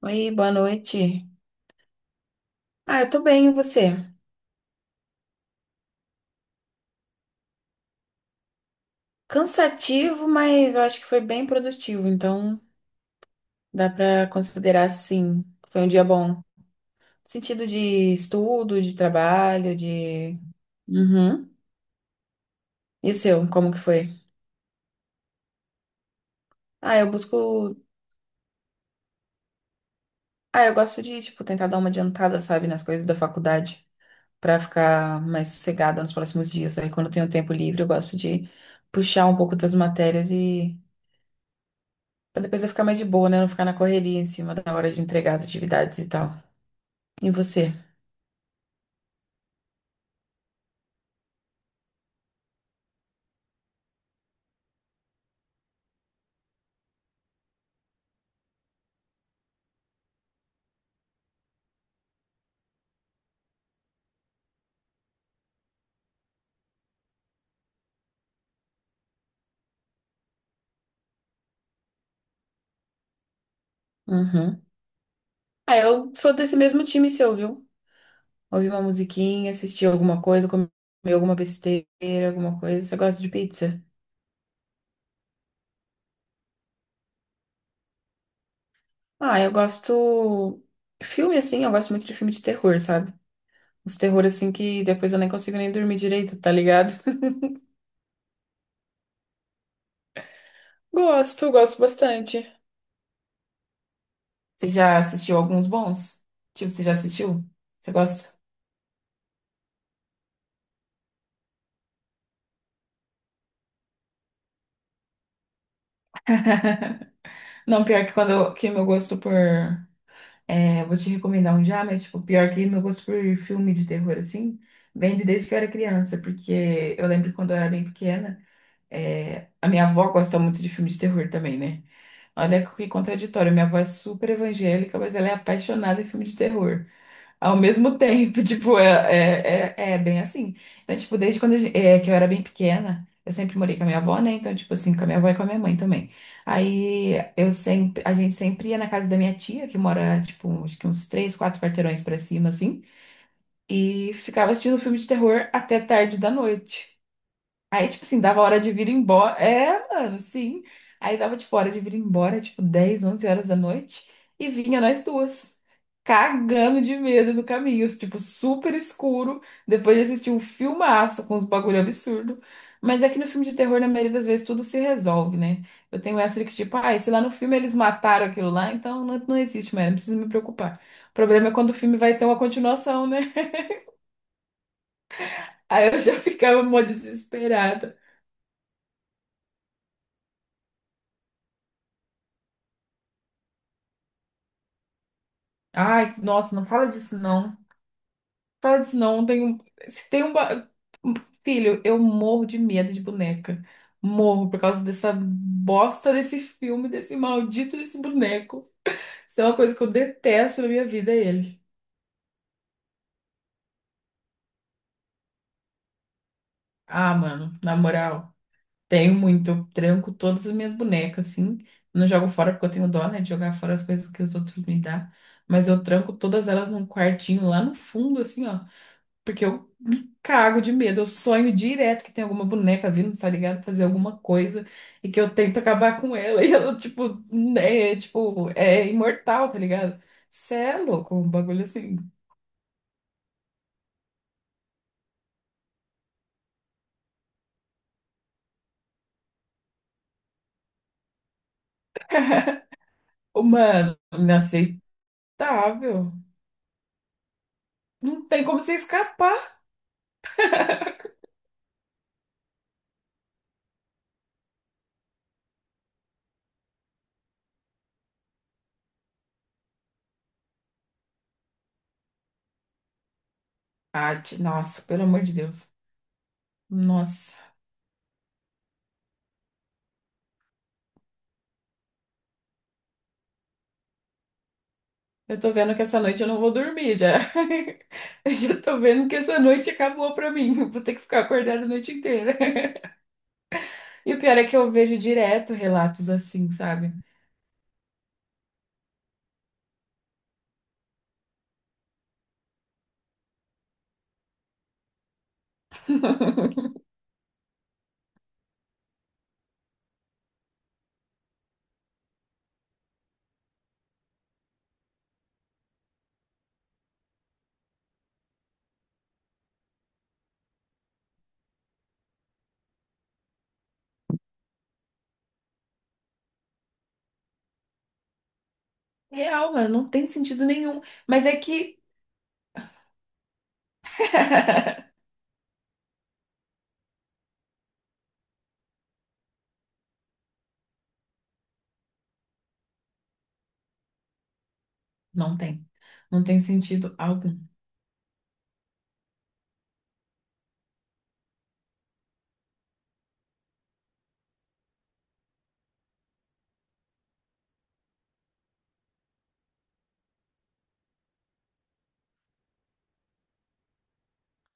Oi, boa noite. Ah, eu tô bem, e você? Cansativo, mas eu acho que foi bem produtivo, então dá pra considerar sim. Foi um dia bom. No sentido de estudo, de trabalho, de. Uhum. E o seu, como que foi? Ah, eu busco. Ah, eu gosto de, tipo, tentar dar uma adiantada, sabe, nas coisas da faculdade, pra ficar mais sossegada nos próximos dias. Aí, quando eu tenho tempo livre, eu gosto de puxar um pouco das matérias e pra depois eu ficar mais de boa, né? Não ficar na correria em cima da hora de entregar as atividades e tal. E você? Uhum. Ah, eu sou desse mesmo time seu, viu? Ouvir uma musiquinha, assistir alguma coisa, comer alguma besteira, alguma coisa. Você gosta de pizza? Ah, eu gosto. Filme assim, eu gosto muito de filme de terror, sabe? Os terror assim que depois eu nem consigo nem dormir direito, tá ligado? Gosto, gosto bastante. Você já assistiu alguns bons? Tipo, você já assistiu? Você gosta? Não, pior que quando eu, que meu gosto por. É, vou te recomendar um já, mas, tipo, pior que meu gosto por filme de terror, assim, vem de desde que eu era criança, porque eu lembro quando eu era bem pequena, a minha avó gosta muito de filme de terror também, né? Olha que contraditório, minha avó é super evangélica, mas ela é apaixonada em filme de terror. Ao mesmo tempo, tipo, é bem assim. Então, tipo, desde quando que eu era bem pequena, eu sempre morei com a minha avó, né? Então, tipo assim, com a minha avó e com a minha mãe também. Aí a gente sempre ia na casa da minha tia, que mora, tipo, acho que uns três, quatro quarteirões pra cima, assim, e ficava assistindo filme de terror até tarde da noite. Aí, tipo assim, dava hora de vir embora. É, mano, sim. Aí dava, tipo, hora de vir embora, tipo, 10, 11 horas da noite. E vinha nós duas, cagando de medo no caminho, tipo, super escuro. Depois de assistir um filmaço com uns bagulho absurdo. Mas é que no filme de terror, na maioria das vezes, tudo se resolve, né? Eu tenho essa de que, tipo, ah, e se lá no filme eles mataram aquilo lá, então não, não existe mais, não preciso me preocupar. O problema é quando o filme vai ter uma continuação, né? Aí eu já ficava mó desesperada. Ai, nossa, não fala disso não. Fala disso não. Tenho... Se tem um. Filho, eu morro de medo de boneca. Morro por causa dessa bosta desse filme, desse maldito desse boneco. Isso é uma coisa que eu detesto na minha vida, é ele. Ah, mano, na moral, tenho muito. Eu tranco todas as minhas bonecas, assim. Não jogo fora porque eu tenho dó, né, de jogar fora as coisas que os outros me dão. Mas eu tranco todas elas num quartinho lá no fundo, assim, ó. Porque eu me cago de medo. Eu sonho direto que tem alguma boneca vindo, tá ligado? Fazer alguma coisa e que eu tento acabar com ela. E ela, tipo, né? Tipo, é imortal, tá ligado? Cê é louco, um bagulho assim. Ô, mano, inaceitável. Não tem como você escapar. Ah, nossa, pelo amor de Deus. Nossa. Eu tô vendo que essa noite eu não vou dormir já. Eu já tô vendo que essa noite acabou pra mim. Vou ter que ficar acordada a noite inteira. E o pior é que eu vejo direto relatos assim, sabe? Real, mano, não tem sentido nenhum. Mas é que não tem. Não tem sentido algum.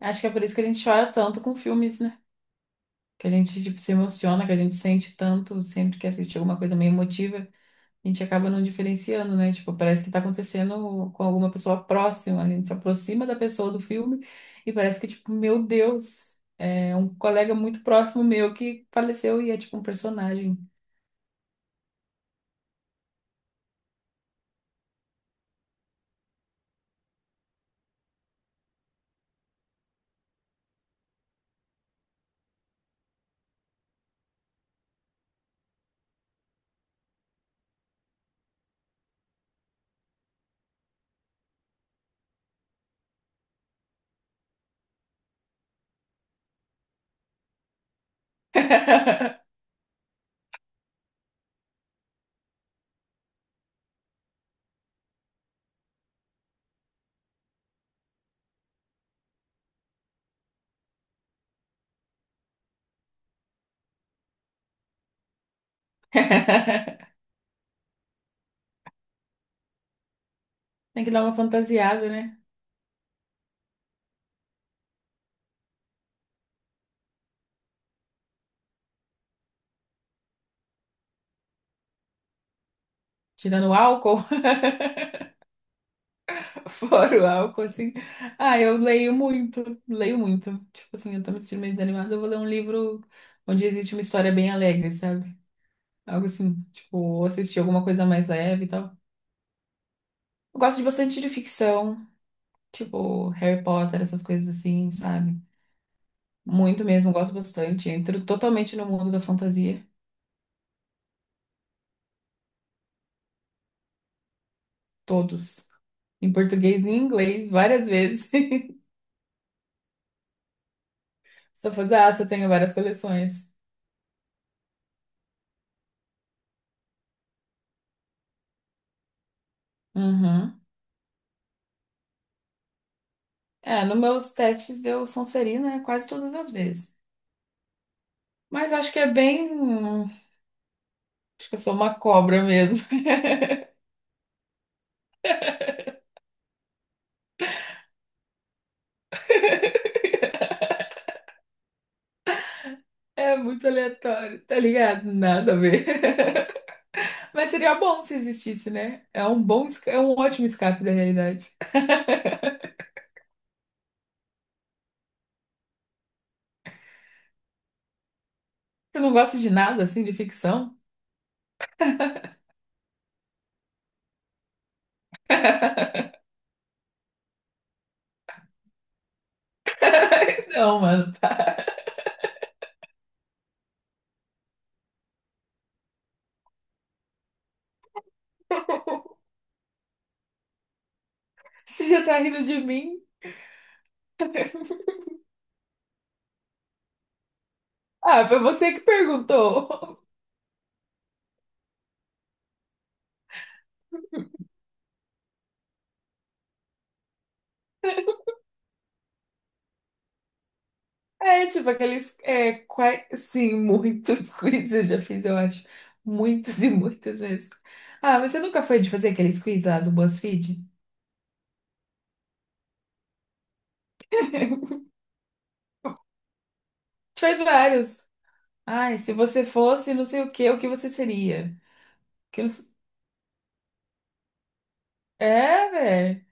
Acho que é por isso que a gente chora tanto com filmes, né? Que a gente, tipo, se emociona, que a gente sente tanto sempre que assiste alguma coisa meio emotiva, a gente acaba não diferenciando, né? Tipo, parece que tá acontecendo com alguma pessoa próxima, a gente se aproxima da pessoa do filme e parece que, tipo, meu Deus, é um colega muito próximo meu que faleceu e é tipo um personagem. Tem que dar uma fantasiada, né? Tirando o álcool, fora o álcool, assim. Ah, eu leio muito, leio muito. Tipo assim, eu tô me sentindo meio desanimada, eu vou ler um livro onde existe uma história bem alegre, sabe? Algo assim, tipo, ou assistir alguma coisa mais leve e tal. Eu gosto de bastante de ficção, tipo Harry Potter, essas coisas assim, sabe? Muito mesmo, gosto bastante. Entro totalmente no mundo da fantasia, todos. Em português e em inglês, várias vezes. Só fazer, ah, você tem várias coleções. Uhum. É, nos meus testes deu Sonserina, né, quase todas as vezes. Mas acho que é bem. Acho que eu sou uma cobra mesmo. É muito aleatório, tá ligado? Nada a ver. Mas seria bom se existisse, né? É um ótimo escape da realidade. Você não gosta de nada assim, de ficção? Não, mano. Tá. Você já tá rindo de mim? Ah, foi você que perguntou. É, tipo, aqueles. Sim, muitos quiz eu já fiz, eu acho. Muitos e muitas vezes. Ah, você nunca foi de fazer aqueles quiz lá do BuzzFeed? A gente faz vários. Ai, se você fosse não sei o que você seria? Que não s- É, velho.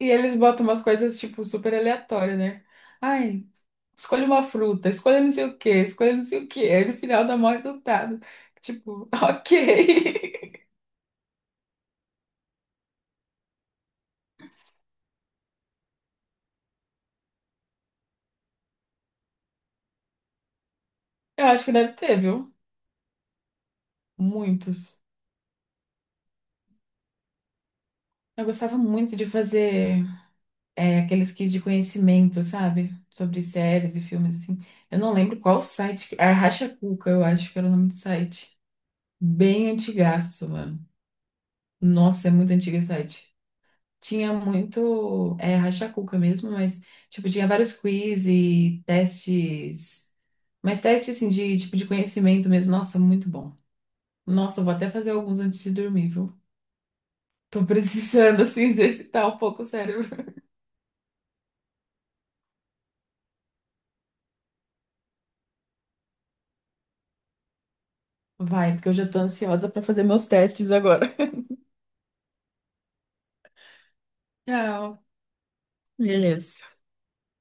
E eles botam umas coisas, tipo, super aleatórias, né? Ai, escolha uma fruta, escolha não sei o que, escolha não sei o que. Aí no final dá maior resultado. Tipo, ok. Eu acho que deve ter, viu? Muitos. Eu gostava muito de fazer aqueles quiz de conhecimento, sabe? Sobre séries e filmes, assim. Eu não lembro qual site. Era Cuca, eu acho que era o nome do site. Bem antigaço, mano. Nossa, é muito antigo esse site. Tinha muito. É Racha Cuca mesmo, mas, tipo, tinha vários quiz e testes. Mas testes, assim, de tipo de conhecimento mesmo. Nossa, muito bom. Nossa, eu vou até fazer alguns antes de dormir, viu? Tô precisando, assim, exercitar um pouco o cérebro. Vai, porque eu já tô ansiosa pra fazer meus testes agora. Tchau. Beleza.